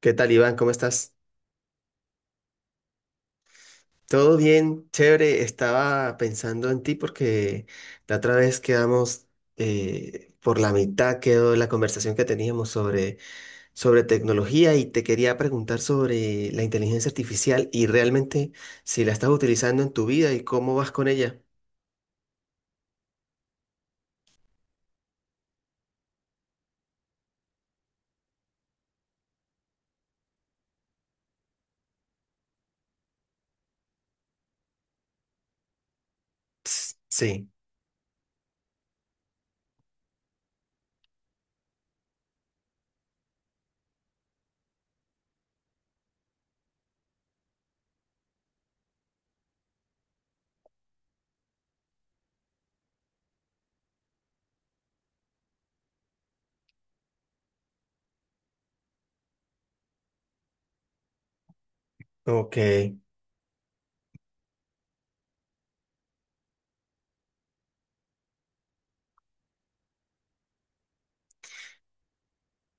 ¿Qué tal, Iván? ¿Cómo estás? Todo bien, chévere. Estaba pensando en ti porque la otra vez quedamos por la mitad, quedó la conversación que teníamos sobre tecnología y te quería preguntar sobre la inteligencia artificial y realmente si la estás utilizando en tu vida y cómo vas con ella. Ps, sí, ok.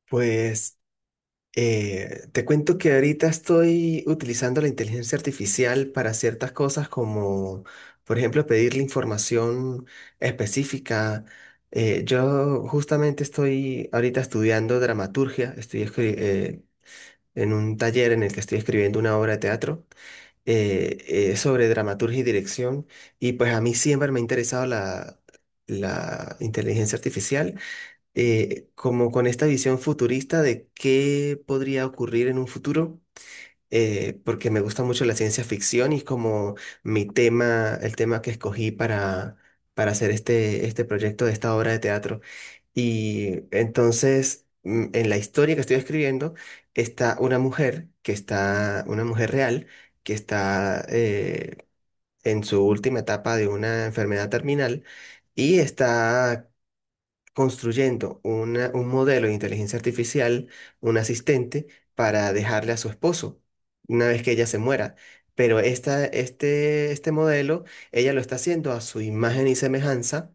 Pues, te cuento que ahorita estoy utilizando la inteligencia artificial para ciertas cosas como, por ejemplo, pedirle información específica. Yo justamente estoy ahorita estudiando dramaturgia, en un taller en el que estoy escribiendo una obra de teatro, eh, sobre dramaturgia y dirección. Y pues a mí siempre me ha interesado la inteligencia artificial, como con esta visión futurista de qué podría ocurrir en un futuro, porque me gusta mucho la ciencia ficción, y como mi tema, el tema que escogí para hacer este proyecto de esta obra de teatro. Y entonces, en la historia que estoy escribiendo, está una mujer que está, una mujer real, que está en su última etapa de una enfermedad terminal, y está construyendo un modelo de inteligencia artificial, un asistente, para dejarle a su esposo una vez que ella se muera. Pero este modelo, ella lo está haciendo a su imagen y semejanza,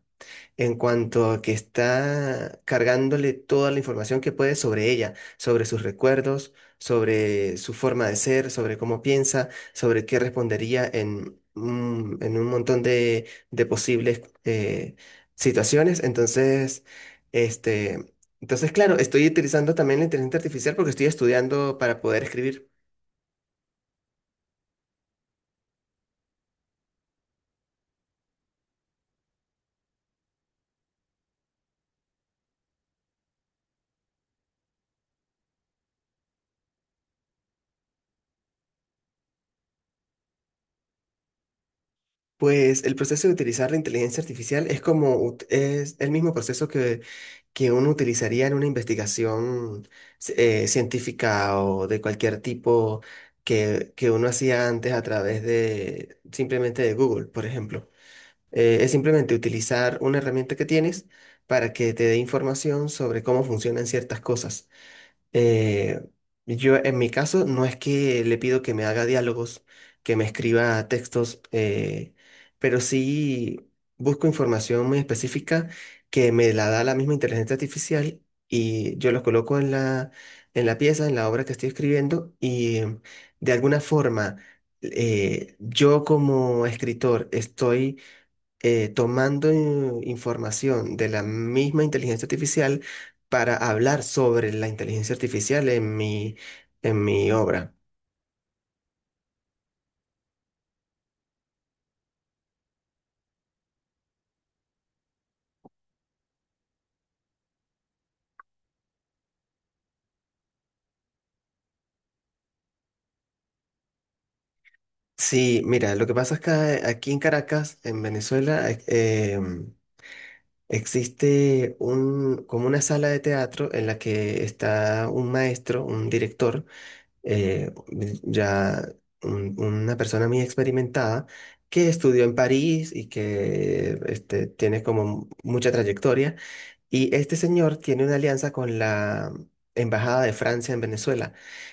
en cuanto a que está cargándole toda la información que puede sobre ella, sobre sus recuerdos, sobre su forma de ser, sobre cómo piensa, sobre qué respondería en, en un montón de, posibles, situaciones. Entonces, este, entonces, claro, estoy utilizando también la inteligencia artificial porque estoy estudiando para poder escribir. Pues el proceso de utilizar la inteligencia artificial es es el mismo proceso que uno utilizaría en una investigación científica o de cualquier tipo, que uno hacía antes a través de simplemente de Google, por ejemplo. Es simplemente utilizar una herramienta que tienes para que te dé información sobre cómo funcionan ciertas cosas. Eh, yo en mi caso no es que le pido que me haga diálogos, que me escriba textos, pero sí busco información muy específica, que me la da la misma inteligencia artificial, y yo los coloco en la pieza, en la obra que estoy escribiendo. Y de alguna forma, yo como escritor estoy tomando, información de la misma inteligencia artificial para hablar sobre la inteligencia artificial en mi obra. Sí, mira, lo que pasa es que aquí en Caracas, en Venezuela, existe como una sala de teatro en la que está un maestro, un director, eh, ya una persona muy experimentada, que estudió en París y que tiene como mucha trayectoria. Y este señor tiene una alianza con la Embajada de Francia en Venezuela.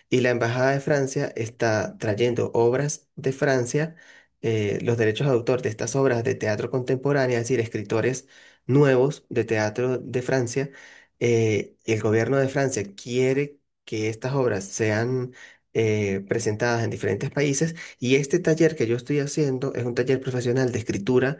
Y la Embajada de Francia está trayendo obras de Francia, los derechos de autor de estas obras de teatro contemporáneo, es decir, escritores nuevos de teatro de Francia. Y el gobierno de Francia quiere que estas obras sean presentadas en diferentes países. Y este taller que yo estoy haciendo es un taller profesional de escritura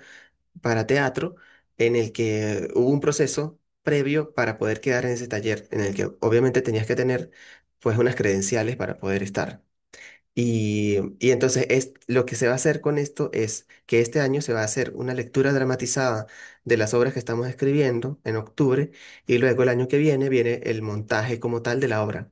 para teatro, en el que hubo un proceso previo para poder quedar en ese taller, en el que obviamente tenías que tener pues unas credenciales para poder estar. Y entonces es, lo que se va a hacer con esto es que este año se va a hacer una lectura dramatizada de las obras que estamos escribiendo en octubre, y luego el año que viene viene el montaje como tal de la obra.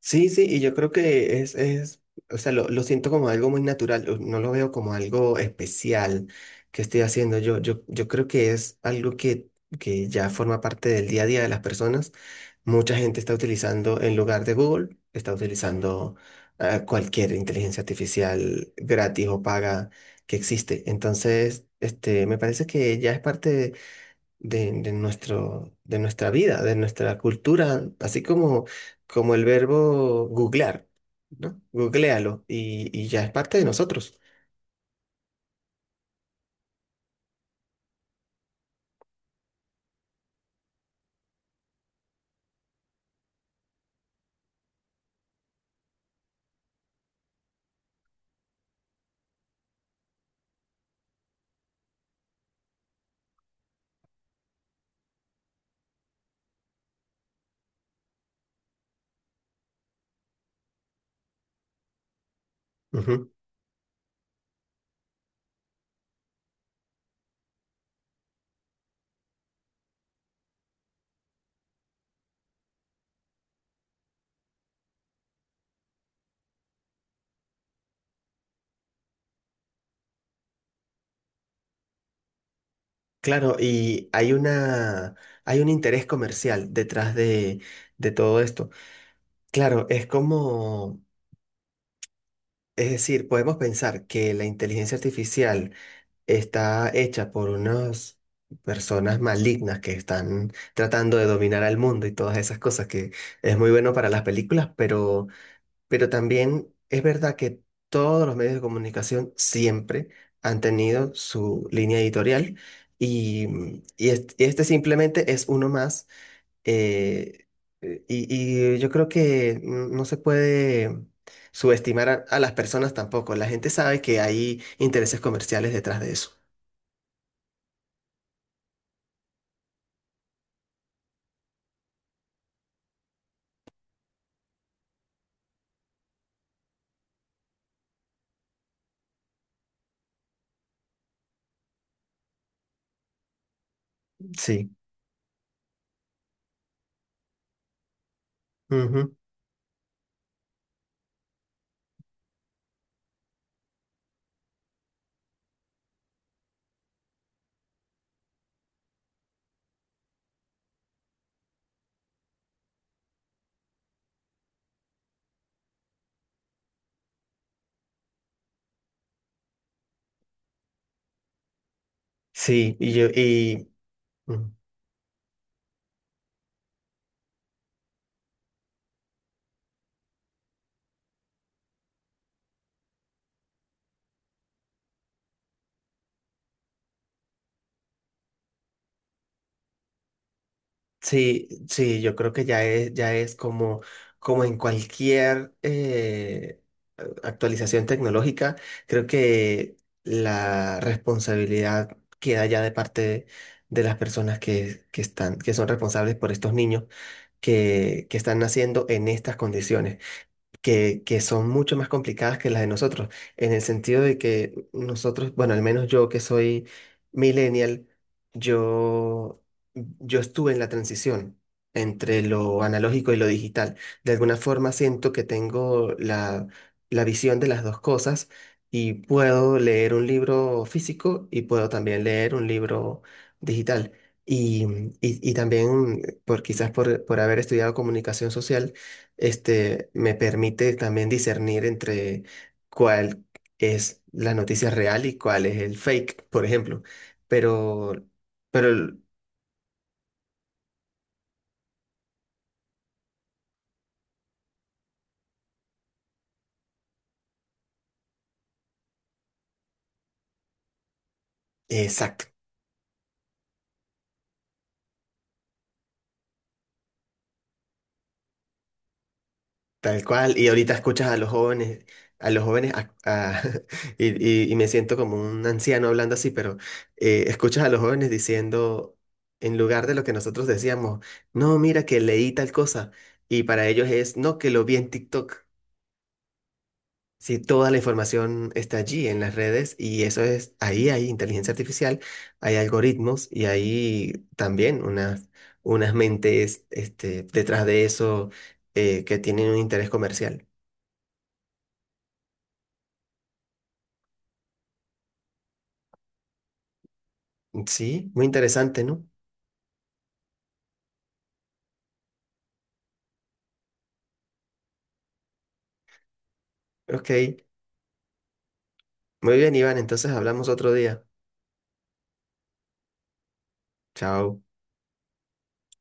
Sí, sí, y yo creo que es, o sea, lo siento como algo muy natural, o no lo veo como algo especial que estoy haciendo. Yo creo que es algo que ya forma parte del día a día de las personas. Mucha gente está utilizando, en lugar de Google, está utilizando cualquier inteligencia artificial gratis o paga que existe. Entonces, me parece que ya es parte de nuestra vida, de nuestra cultura, así como el verbo googlear, ¿no? Googléalo, y, ya es parte de nosotros. Ujú. Claro, y hay un interés comercial detrás de todo esto. Claro, es es decir, podemos pensar que la inteligencia artificial está hecha por unas personas malignas que están tratando de dominar al mundo y todas esas cosas que es muy bueno para las películas, pero, también es verdad que todos los medios de comunicación siempre han tenido su línea editorial. Y este simplemente es uno más. eh, yo creo que no se puede subestimar a las personas tampoco. La gente sabe que hay intereses comerciales detrás de eso. Sí, ujú, sí, mm, sí, sí, yo creo que ya es como, en cualquier actualización tecnológica. Creo que la responsabilidad queda ya de parte de las personas que son responsables por estos niños que están naciendo en estas condiciones, que son mucho más complicadas que las de nosotros, en el sentido de que nosotros, bueno, al menos yo que soy millennial, yo, yo estuve en la transición entre lo analógico y lo digital. De alguna forma siento que tengo la visión de las dos cosas, y puedo leer un libro físico y puedo también leer un libro digital. Y, y también quizás por haber estudiado comunicación social, me permite también discernir entre cuál es la noticia real y cuál es el fake, por ejemplo. Pero, pero, el- exacto, tal cual. Y ahorita escuchas a los jóvenes, a los jóvenes, a- a- y, y me siento como un anciano hablando así, pero escuchas a los jóvenes diciendo, en lugar de lo que nosotros decíamos, no, mira que leí tal cosa. Y para ellos es, no, que lo vi en TikTok. Sí, toda la información está allí en las redes, y eso es, ahí hay inteligencia artificial, hay algoritmos y hay también unas mentes, detrás de eso, que tienen un interés comercial. Sí, muy interesante, ¿no? Ok, muy bien, Iván, entonces hablamos otro día. Chao.